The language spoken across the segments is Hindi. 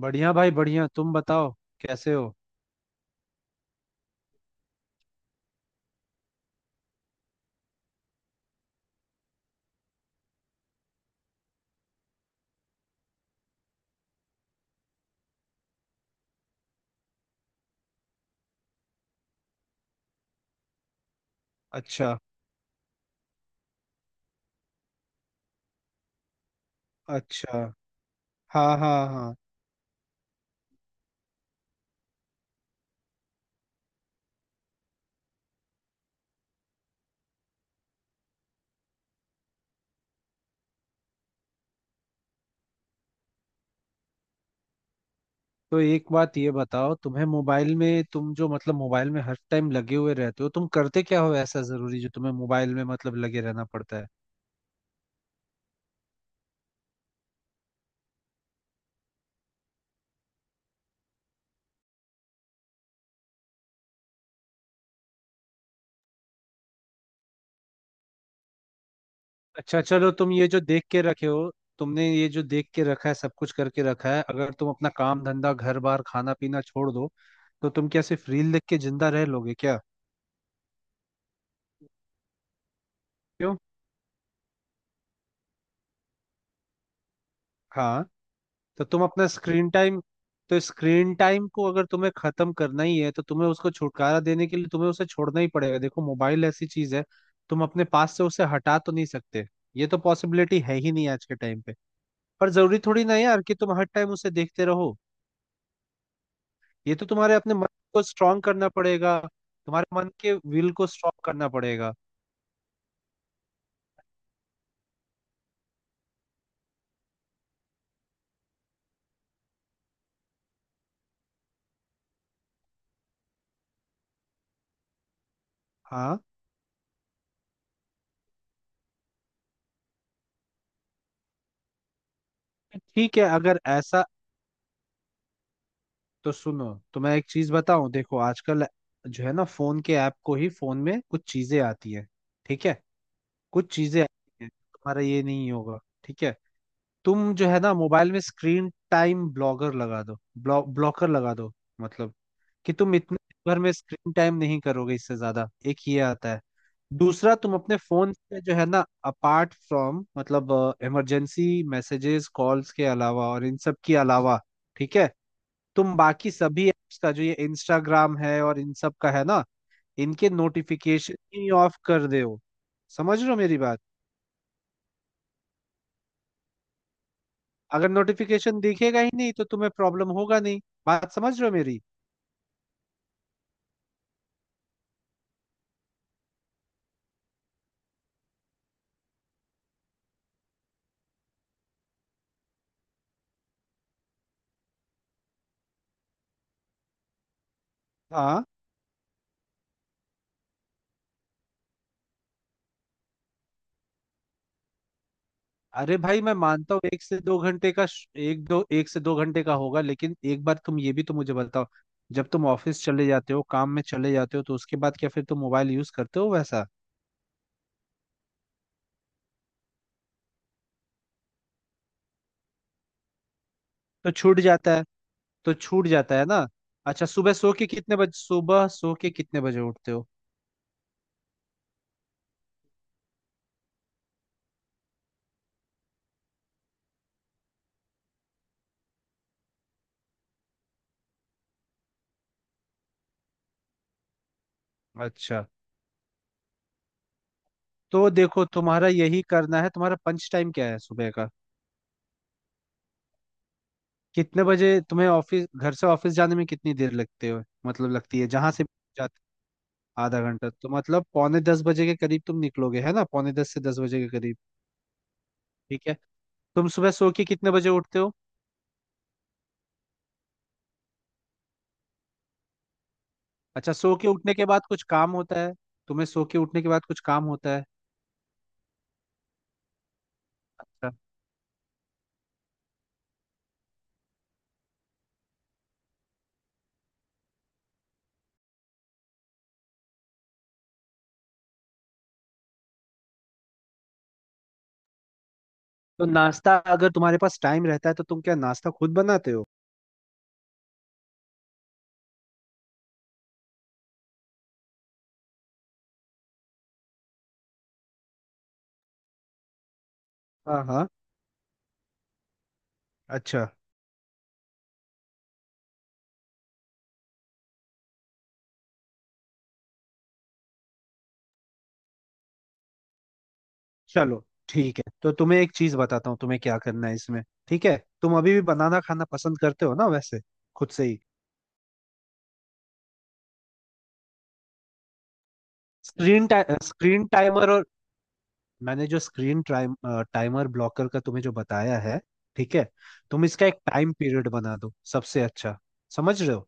बढ़िया भाई बढ़िया। तुम बताओ कैसे हो। अच्छा। अच्छा। हाँ हाँ हाँ। तो एक बात ये बताओ, तुम्हें मोबाइल में तुम जो मतलब मोबाइल में हर टाइम लगे हुए रहते हो, तुम करते क्या हो ऐसा जरूरी जो तुम्हें मोबाइल में मतलब लगे रहना पड़ता है। अच्छा चलो, तुम ये जो देख के रखे हो, तुमने ये जो देख के रखा है सब कुछ करके रखा है, अगर तुम अपना काम धंधा घर बार खाना पीना छोड़ दो तो तुम क्या सिर्फ रील देख के जिंदा रह लोगे क्या? क्यों? हाँ। तो तुम अपना स्क्रीन टाइम, तो स्क्रीन टाइम को अगर तुम्हें खत्म करना ही है तो तुम्हें उसको छुटकारा देने के लिए तुम्हें उसे छोड़ना ही पड़ेगा। देखो मोबाइल ऐसी चीज है, तुम अपने पास से उसे हटा तो नहीं सकते, ये तो पॉसिबिलिटी है ही नहीं आज के टाइम पे। पर जरूरी थोड़ी ना है यार कि तुम हर टाइम उसे देखते रहो। ये तो तुम्हारे अपने मन को स्ट्रांग करना पड़ेगा, तुम्हारे मन के विल को स्ट्रांग करना पड़ेगा। हाँ। ठीक है अगर ऐसा, तो सुनो, तो मैं एक चीज बताऊं। देखो आजकल जो है ना फोन के ऐप को ही फोन में कुछ चीजें आती है। ठीक है। कुछ चीजें आती हैं, तुम्हारा ये नहीं होगा। ठीक है। तुम जो है ना मोबाइल में स्क्रीन टाइम ब्लॉगर लगा दो, ब्लॉकर लगा दो। मतलब कि तुम इतने दिन भर में स्क्रीन टाइम नहीं करोगे इससे ज्यादा, एक ये आता है। दूसरा, तुम अपने फोन से जो है ना, अपार्ट फ्रॉम मतलब इमरजेंसी मैसेजेस कॉल्स के अलावा और इन सब के अलावा, ठीक है, तुम बाकी सभी एप्स का जो ये इंस्टाग्राम है और इन सब का है ना, इनके नोटिफिकेशन ही ऑफ कर दे हो। समझ रहे हो मेरी बात? अगर नोटिफिकेशन दिखेगा ही नहीं तो तुम्हें प्रॉब्लम होगा नहीं। बात समझ रहे हो मेरी? हाँ। अरे भाई मैं मानता हूँ, 1 से 2 घंटे का एक दो, 1 से 2 घंटे का होगा, लेकिन एक बार तुम ये भी तो मुझे बताओ, जब तुम ऑफिस चले जाते हो, काम में चले जाते हो, तो उसके बाद क्या फिर तुम मोबाइल यूज करते हो वैसा? तो छूट जाता है, तो छूट जाता है ना? अच्छा, सुबह सो के कितने बजे, सुबह सो के कितने बजे उठते हो? अच्छा। तो देखो, तुम्हारा यही करना है। तुम्हारा पंच टाइम क्या है सुबह का? कितने बजे तुम्हें ऑफिस, घर से ऑफिस जाने में कितनी देर लगते हो मतलब लगती है जहां से जाते? आधा घंटा? तो मतलब पौने 10 बजे के करीब तुम निकलोगे, है ना, पौने 10 से 10 बजे के करीब। ठीक है। तुम सुबह सो के कितने बजे उठते हो? अच्छा, सो के उठने के बाद कुछ काम होता है? तुम्हें सो के उठने के बाद कुछ काम होता है? अच्छा। तो नाश्ता, अगर तुम्हारे पास टाइम रहता है तो तुम क्या नाश्ता खुद बनाते हो? हाँ हाँ। अच्छा। चलो ठीक है, तो तुम्हें एक चीज बताता हूँ तुम्हें क्या करना है इसमें। ठीक है। तुम अभी भी बनाना खाना पसंद करते हो ना वैसे? खुद से ही? स्क्रीन टाइमर और, मैंने जो स्क्रीन टाइम टाइमर ब्लॉकर का तुम्हें जो बताया है, ठीक है, तुम इसका एक टाइम पीरियड बना दो सबसे अच्छा। समझ रहे हो?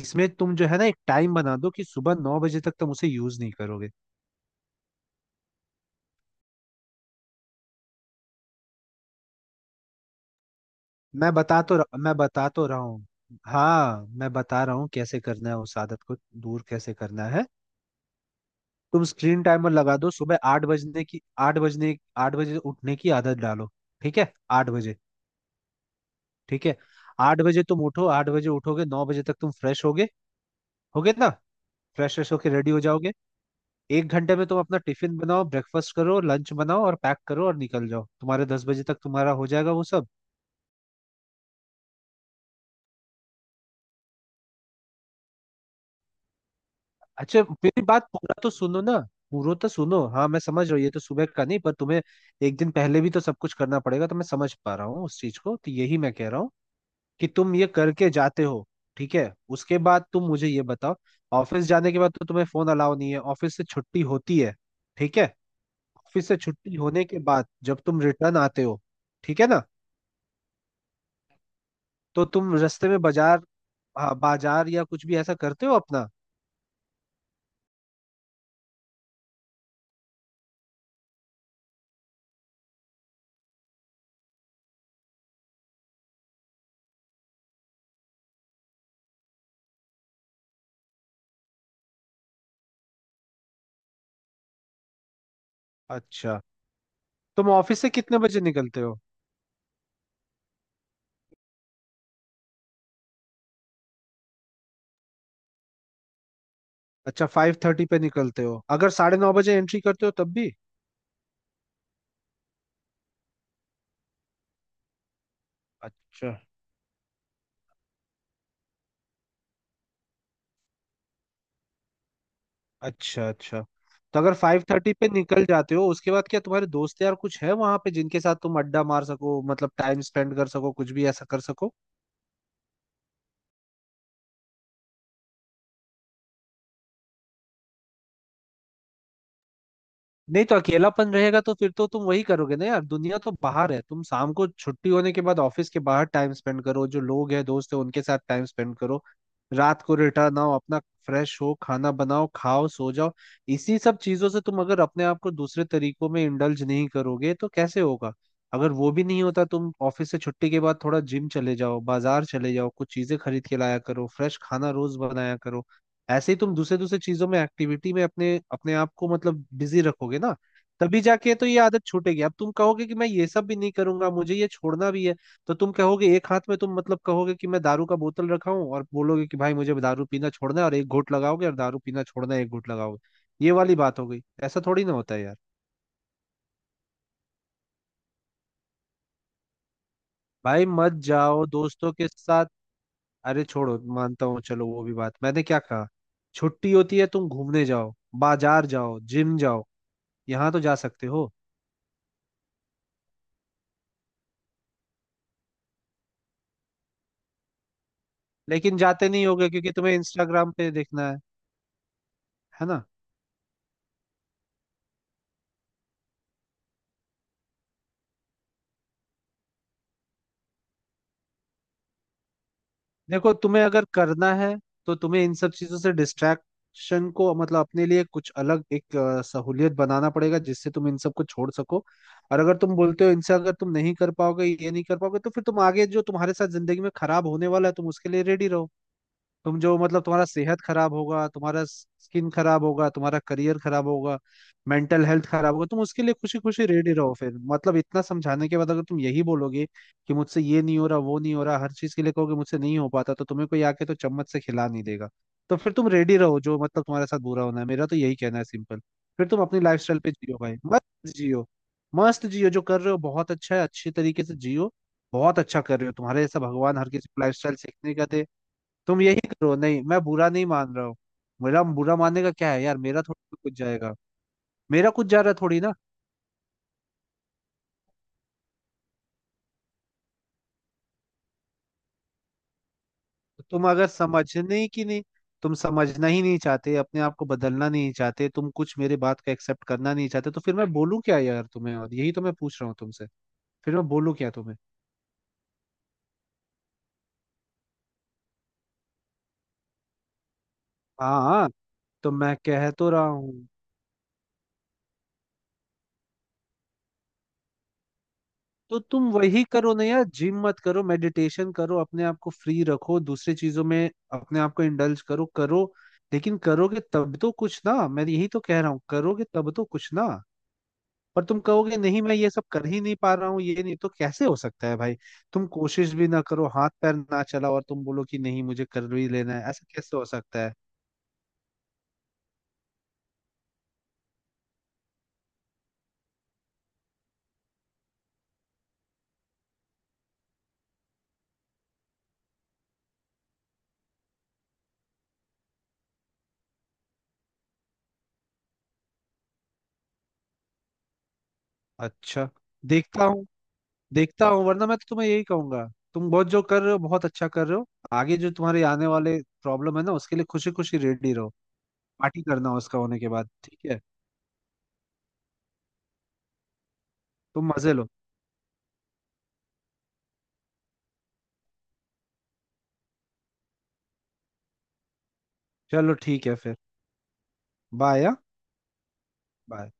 इसमें तुम जो है ना एक टाइम बना दो कि सुबह 9 बजे तक तुम उसे यूज नहीं करोगे। मैं बता तो रहा हूँ। हाँ मैं बता रहा हूँ कैसे करना है उस आदत को, दूर कैसे करना है। तुम स्क्रीन टाइमर लगा दो सुबह 8 बजने की। आठ बजने आठ बजे उठने की आदत डालो। ठीक है। 8 बजे। ठीक है। आठ बजे तुम उठो, 8 बजे उठोगे 9 बजे तक तुम फ्रेश होगे, होगे ना? फ्रेश फ्रेश होके रेडी हो जाओगे। 1 घंटे में तुम अपना टिफिन बनाओ, ब्रेकफास्ट करो, लंच बनाओ और पैक करो और निकल जाओ, तुम्हारे 10 बजे तक तुम्हारा हो जाएगा वो सब। अच्छा मेरी बात पूरा तो सुनो ना, पूरा तो सुनो। हाँ मैं समझ रहा हूँ ये तो सुबह का नहीं, पर तुम्हें एक दिन पहले भी तो सब कुछ करना पड़ेगा, तो मैं समझ पा रहा हूँ उस चीज को, तो यही मैं कह रहा हूँ कि तुम ये करके जाते हो। ठीक है, उसके बाद तुम मुझे ये बताओ, ऑफिस जाने के बाद तो तुम्हें फोन अलाउ नहीं है, ऑफिस से छुट्टी होती है, ठीक है, ऑफिस से छुट्टी होने के बाद जब तुम रिटर्न आते हो, ठीक है ना, तो तुम रास्ते में बाजार, हाँ, बाजार या कुछ भी ऐसा करते हो अपना? अच्छा तुम ऑफिस से कितने बजे निकलते हो? अच्छा 5:30 पे निकलते हो, अगर साढ़े 9 बजे एंट्री करते हो तब भी? अच्छा अच्छा। अच्छा तो अगर 5:30 पे निकल जाते हो, उसके बाद क्या तुम्हारे दोस्त यार कुछ है वहां पे जिनके साथ तुम अड्डा मार सको, मतलब टाइम स्पेंड कर सको, कुछ भी ऐसा कर सको? नहीं तो अकेलापन रहेगा तो फिर तो तुम वही करोगे ना यार। दुनिया तो बाहर है, तुम शाम को छुट्टी होने के बाद ऑफिस के बाहर टाइम स्पेंड करो, जो लोग हैं दोस्त है उनके साथ टाइम स्पेंड करो, रात को रिटर्न आओ अपना, फ्रेश हो, खाना बनाओ, खाओ, सो जाओ। इसी सब चीजों से तुम अगर अपने आप को दूसरे तरीकों में इंडल्ज नहीं करोगे तो कैसे होगा? अगर वो भी नहीं होता, तुम ऑफिस से छुट्टी के बाद थोड़ा जिम चले जाओ, बाजार चले जाओ, कुछ चीजें खरीद के लाया करो, फ्रेश खाना रोज बनाया करो। ऐसे ही तुम दूसरे दूसरे चीजों में, एक्टिविटी में अपने अपने आप को मतलब बिजी रखोगे ना, तभी जाके तो ये आदत छूटेगी। अब तुम कहोगे कि मैं ये सब भी नहीं करूंगा, मुझे ये छोड़ना भी है, तो तुम कहोगे एक हाथ में तुम मतलब कहोगे कि मैं दारू का बोतल रखा हूं और बोलोगे कि भाई मुझे दारू पीना छोड़ना है और एक घूंट लगाओगे और दारू पीना छोड़ना है एक घूंट लगाओगे, ये वाली बात हो गई, ऐसा थोड़ी ना होता है यार। भाई मत जाओ दोस्तों के साथ, अरे छोड़ो, मानता हूँ, चलो वो भी बात, मैंने क्या कहा, छुट्टी होती है तुम घूमने जाओ, बाजार जाओ, जिम जाओ, यहाँ तो जा सकते हो। लेकिन जाते नहीं होगे क्योंकि तुम्हें इंस्टाग्राम पे देखना है ना? देखो तुम्हें अगर करना है तो तुम्हें इन सब चीजों से डिस्ट्रैक्शन को मतलब अपने लिए कुछ अलग एक सहूलियत बनाना पड़ेगा, जिससे तुम इन सबको छोड़ सको। और अगर तुम बोलते हो इनसे, अगर तुम नहीं कर पाओगे, ये नहीं कर पाओगे, तो फिर तुम आगे जो तुम्हारे साथ जिंदगी में खराब होने वाला है तुम उसके लिए रेडी रहो। तुम जो मतलब तुम्हारा सेहत खराब होगा, तुम्हारा स्किन खराब होगा, तुम्हारा करियर खराब होगा, मेंटल हेल्थ खराब होगा, तुम उसके लिए खुशी खुशी रेडी रहो। फिर मतलब इतना समझाने के बाद अगर तुम यही बोलोगे कि मुझसे ये नहीं हो रहा, वो नहीं हो रहा, हर चीज के लिए कहोगे मुझसे नहीं हो पाता, तो तुम्हें कोई आके तो चम्मच से खिला नहीं देगा। तो फिर तुम रेडी रहो जो मतलब तुम्हारे साथ बुरा होना है, मेरा तो यही कहना है सिंपल। फिर तुम अपनी लाइफस्टाइल पे जियो भाई, मस्त जियो। मस्त जियो, जो कर रहे हो बहुत अच्छा है, अच्छे तरीके से जियो। बहुत अच्छा कर रहे हो, तुम्हारे जैसा भगवान हर किसी को लाइफस्टाइल सीखने का दे। तुम यही करो। नहीं मैं बुरा नहीं मान रहा हूँ, मेरा बुरा मानने का क्या है यार, मेरा थोड़ी कुछ जाएगा, मेरा कुछ जा रहा थोड़ी ना। तुम अगर समझने ही की नहीं, तुम समझना ही नहीं चाहते, अपने आप को बदलना नहीं चाहते, तुम कुछ मेरे बात का एक्सेप्ट करना नहीं चाहते, तो फिर मैं बोलूँ क्या यार तुम्हें, और यही तो मैं पूछ रहा हूँ तुमसे, फिर मैं बोलूँ क्या तुम्हें? हाँ, तो मैं कह तो रहा हूँ, तो तुम वही करो ना यार, जिम मत करो मेडिटेशन करो, अपने आप को फ्री रखो दूसरी चीजों में, अपने आप को इंडल्ज करो करो। लेकिन करोगे तब तो कुछ ना, मैं यही तो कह रहा हूँ, करोगे तब तो कुछ ना। पर तुम कहोगे नहीं मैं ये सब कर ही नहीं पा रहा हूँ, ये नहीं, तो कैसे हो सकता है भाई? तुम कोशिश भी ना करो, हाथ पैर ना चलाओ और तुम बोलो कि नहीं मुझे कर ही लेना है, ऐसा कैसे हो सकता है? अच्छा, देखता हूँ, देखता हूँ, वरना मैं तो तुम्हें यही कहूंगा, तुम बहुत जो कर रहे हो बहुत अच्छा कर रहे हो, आगे जो तुम्हारे आने वाले प्रॉब्लम है ना उसके लिए खुशी खुशी रेडी रहो, पार्टी करना उसका होने के बाद, ठीक है? तुम मजे लो। चलो ठीक है फिर। बाय। हाँ? बाय।